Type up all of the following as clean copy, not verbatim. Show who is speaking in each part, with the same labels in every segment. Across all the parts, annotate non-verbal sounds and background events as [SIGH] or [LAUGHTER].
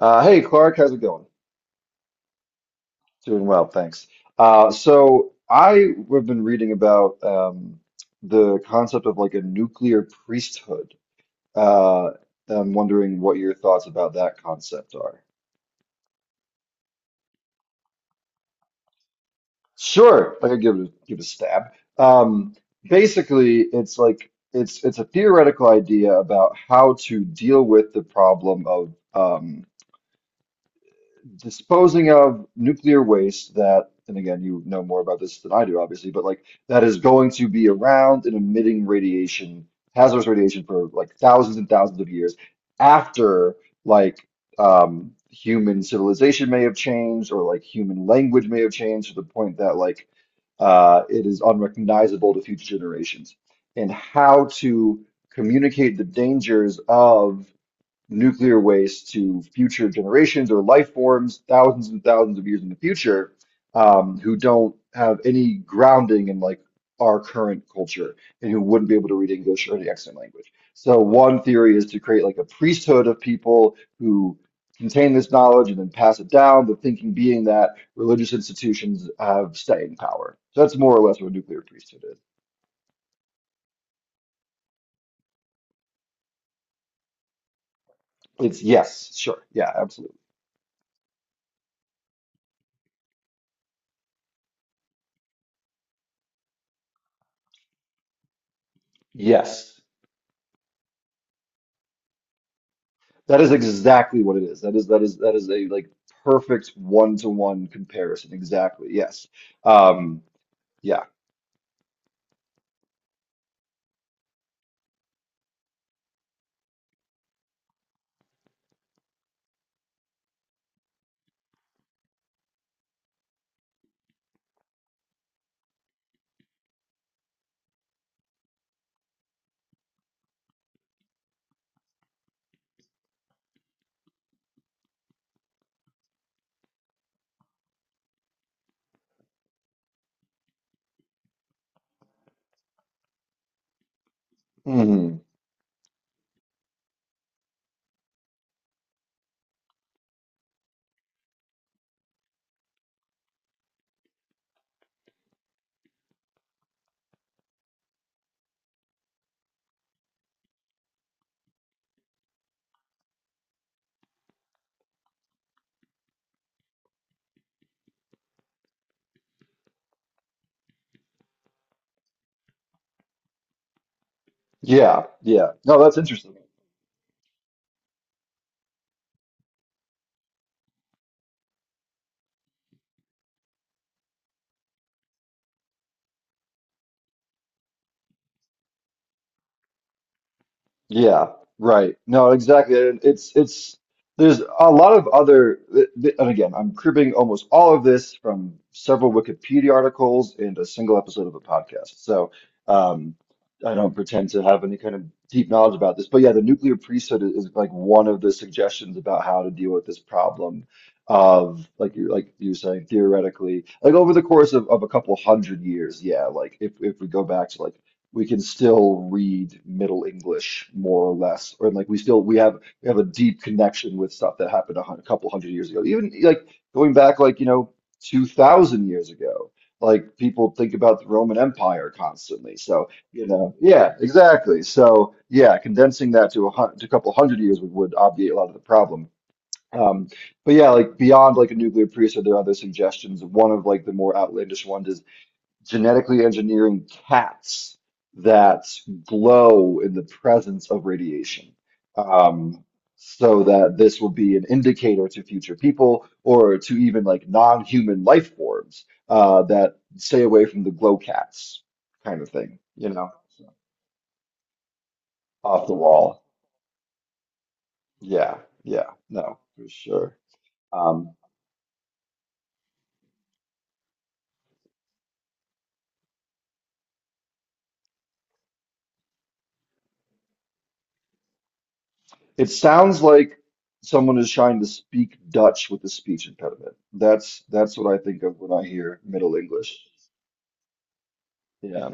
Speaker 1: Hey, Clark, how's it going? Doing well, thanks. So I have been reading about the concept of like a nuclear priesthood. Uh, I'm wondering what your thoughts about that concept are. Sure, I could give it a stab. Um, Basically, it's like it's a theoretical idea about how to deal with the problem of disposing of nuclear waste that, and again, you know more about this than I do, obviously, but like that is going to be around and emitting radiation, hazardous radiation for like thousands and thousands of years after like human civilization may have changed or like human language may have changed to the point that it is unrecognizable to future generations. And how to communicate the dangers of nuclear waste to future generations or life forms thousands and thousands of years in the future who don't have any grounding in like our current culture and who wouldn't be able to read English or the extant language. So one theory is to create like a priesthood of people who contain this knowledge and then pass it down, the thinking being that religious institutions have staying power. So that's more or less what a nuclear priesthood is. It's yes, sure, yeah, absolutely. Yes. That is exactly what it is. That is a like perfect one-to-one comparison. Exactly. Yes. Um, yeah. hmm Yeah. Yeah. No, that's interesting. Yeah, right. No, exactly. And it's there's a lot of other and again, I'm cribbing almost all of this from several Wikipedia articles and a single episode of a podcast. So, um, I don't pretend to have any kind of deep knowledge about this, but yeah, the nuclear priesthood is like one of the suggestions about how to deal with this problem of like you were saying theoretically, like over the course of a couple hundred years, yeah, like if we go back to like we can still read Middle English more or less, or like we have a deep connection with stuff that happened a couple hundred years ago. Even like going back like you know 2,000 years ago, like people think about the Roman Empire constantly. So you know, yeah, exactly. So yeah, condensing that to a hun to a couple hundred years would obviate a lot of the problem. Um, but yeah, like beyond like a nuclear priest, are there other suggestions? One of like the more outlandish ones is genetically engineering cats that glow in the presence of radiation. Um, so that this will be an indicator to future people or to even like non-human life forms that stay away from the glow cats kind of thing, you know, off the wall. Yeah, yeah, no, for sure. Um, it sounds like someone is trying to speak Dutch with a speech impediment. That's what I think of when I hear Middle English. Yeah.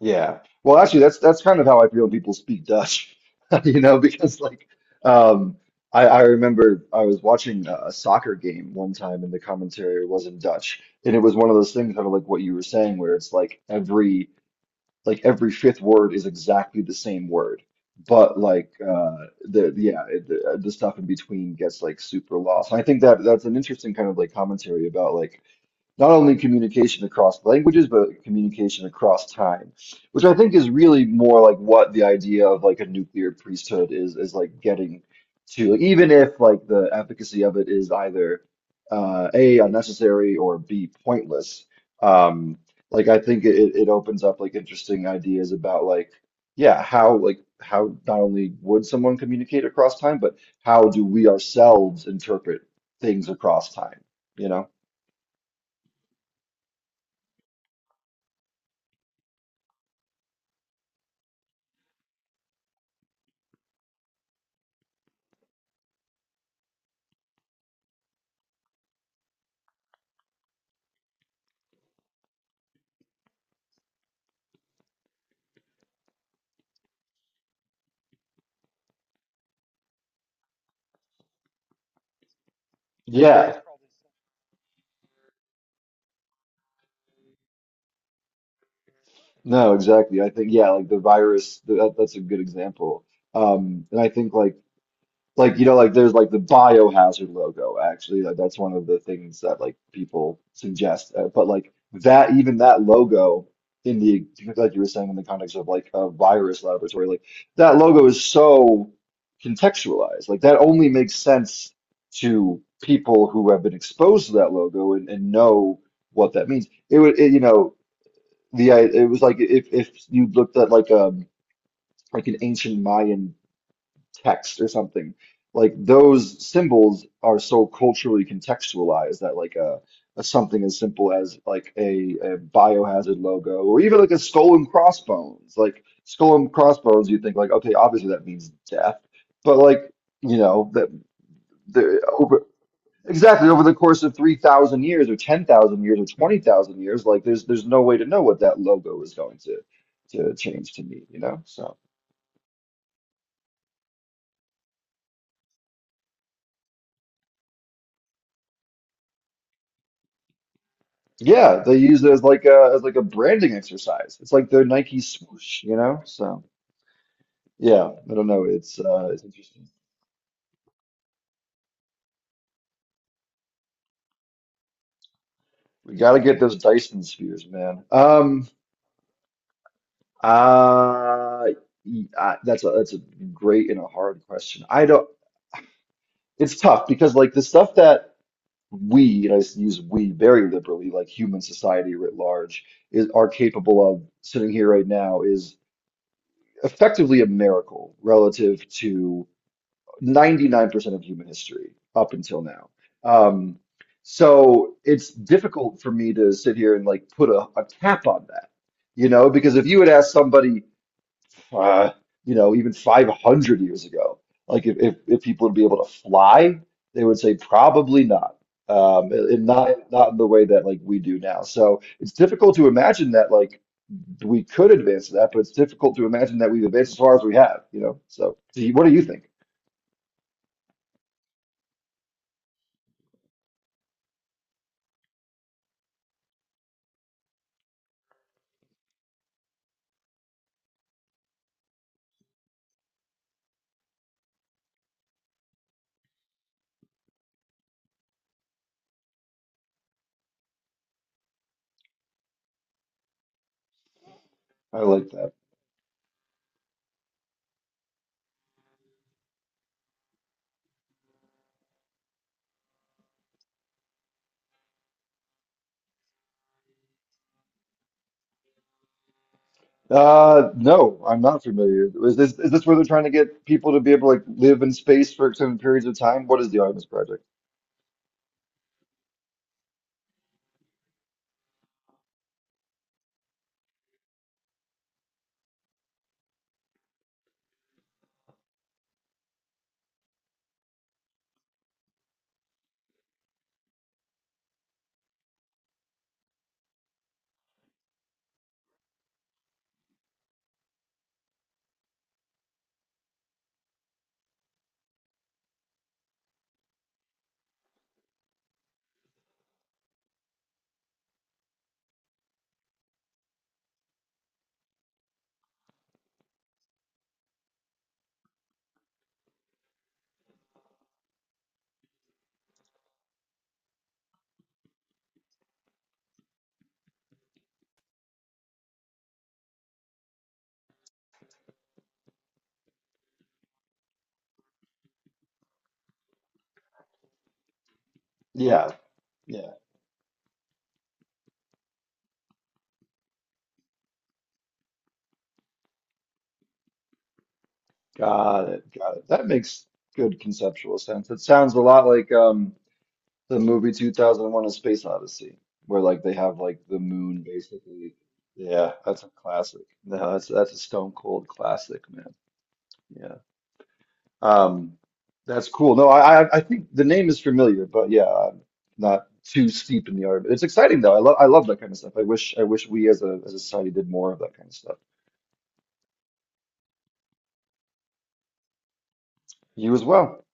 Speaker 1: Yeah. Well, actually, that's kind of how I feel when people speak Dutch, [LAUGHS] you know, because um I remember I was watching a soccer game one time and the commentary was in Dutch. And it was one of those things kind of like what you were saying where it's like every fifth word is exactly the same word. But like the yeah, the stuff in between gets like super lost. And I think that that's an interesting kind of like commentary about like not only communication across languages, but communication across time, which I think is really more like what the idea of like a nuclear priesthood is like getting to, like, even if like the efficacy of it is either A, unnecessary or B, pointless. Um, like I think it opens up like interesting ideas about like, yeah, how like how not only would someone communicate across time, but how do we ourselves interpret things across time, you know? Yeah. No, exactly. I think yeah, like the virus, that's a good example. And I think you know like there's like the biohazard logo actually like that's one of the things that like people suggest. But like that even that logo in the like you were saying in the context of like a virus laboratory like that logo is so contextualized. Like that only makes sense to people who have been exposed to that logo and know what that means. It would you know the it was like if you looked at like an ancient Mayan text or something, like those symbols are so culturally contextualized that like a something as simple as like a biohazard logo or even like a skull and crossbones, like skull and crossbones, you think like okay, obviously that means death, but like you know that. The Exactly, over the course of 3,000 years or 10,000 years or 20,000 years, like there's no way to know what that logo is going to change to mean, you know? So, yeah, they use it as like a branding exercise. It's like their Nike swoosh, you know? So, yeah, I don't know, it's interesting. We got to get those Dyson spheres, man. Uh, that's a great and a hard question. I don't, it's tough because like the stuff that we, and use we very liberally, like human society writ large, is are capable of sitting here right now is effectively a miracle relative to 99% of human history up until now. Um, so it's difficult for me to sit here and like put a cap on that, you know, because if you had asked somebody uh, you know, even 500 years ago. Like if people would be able to fly, they would say probably not. And not in the way that like we do now. So it's difficult to imagine that like we could advance to that, but it's difficult to imagine that we've advanced as far as we have, you know. So what do you think? I like that. No, I'm not familiar. Is this where they're trying to get people to be able to like live in space for extended periods of time? What is the Artemis Project? Yeah, yeah. Got it. Got it. That makes good conceptual sense. It sounds a lot like the movie 2001: A Space Odyssey, where like they have like the moon basically. Yeah, that's a classic. No, that's a stone cold classic, man. Yeah. Um, that's cool. No, I think the name is familiar, but yeah, I'm not too steep in the art. It's exciting though. I love that kind of stuff. I wish we as a society did more of that kind of stuff. You as well.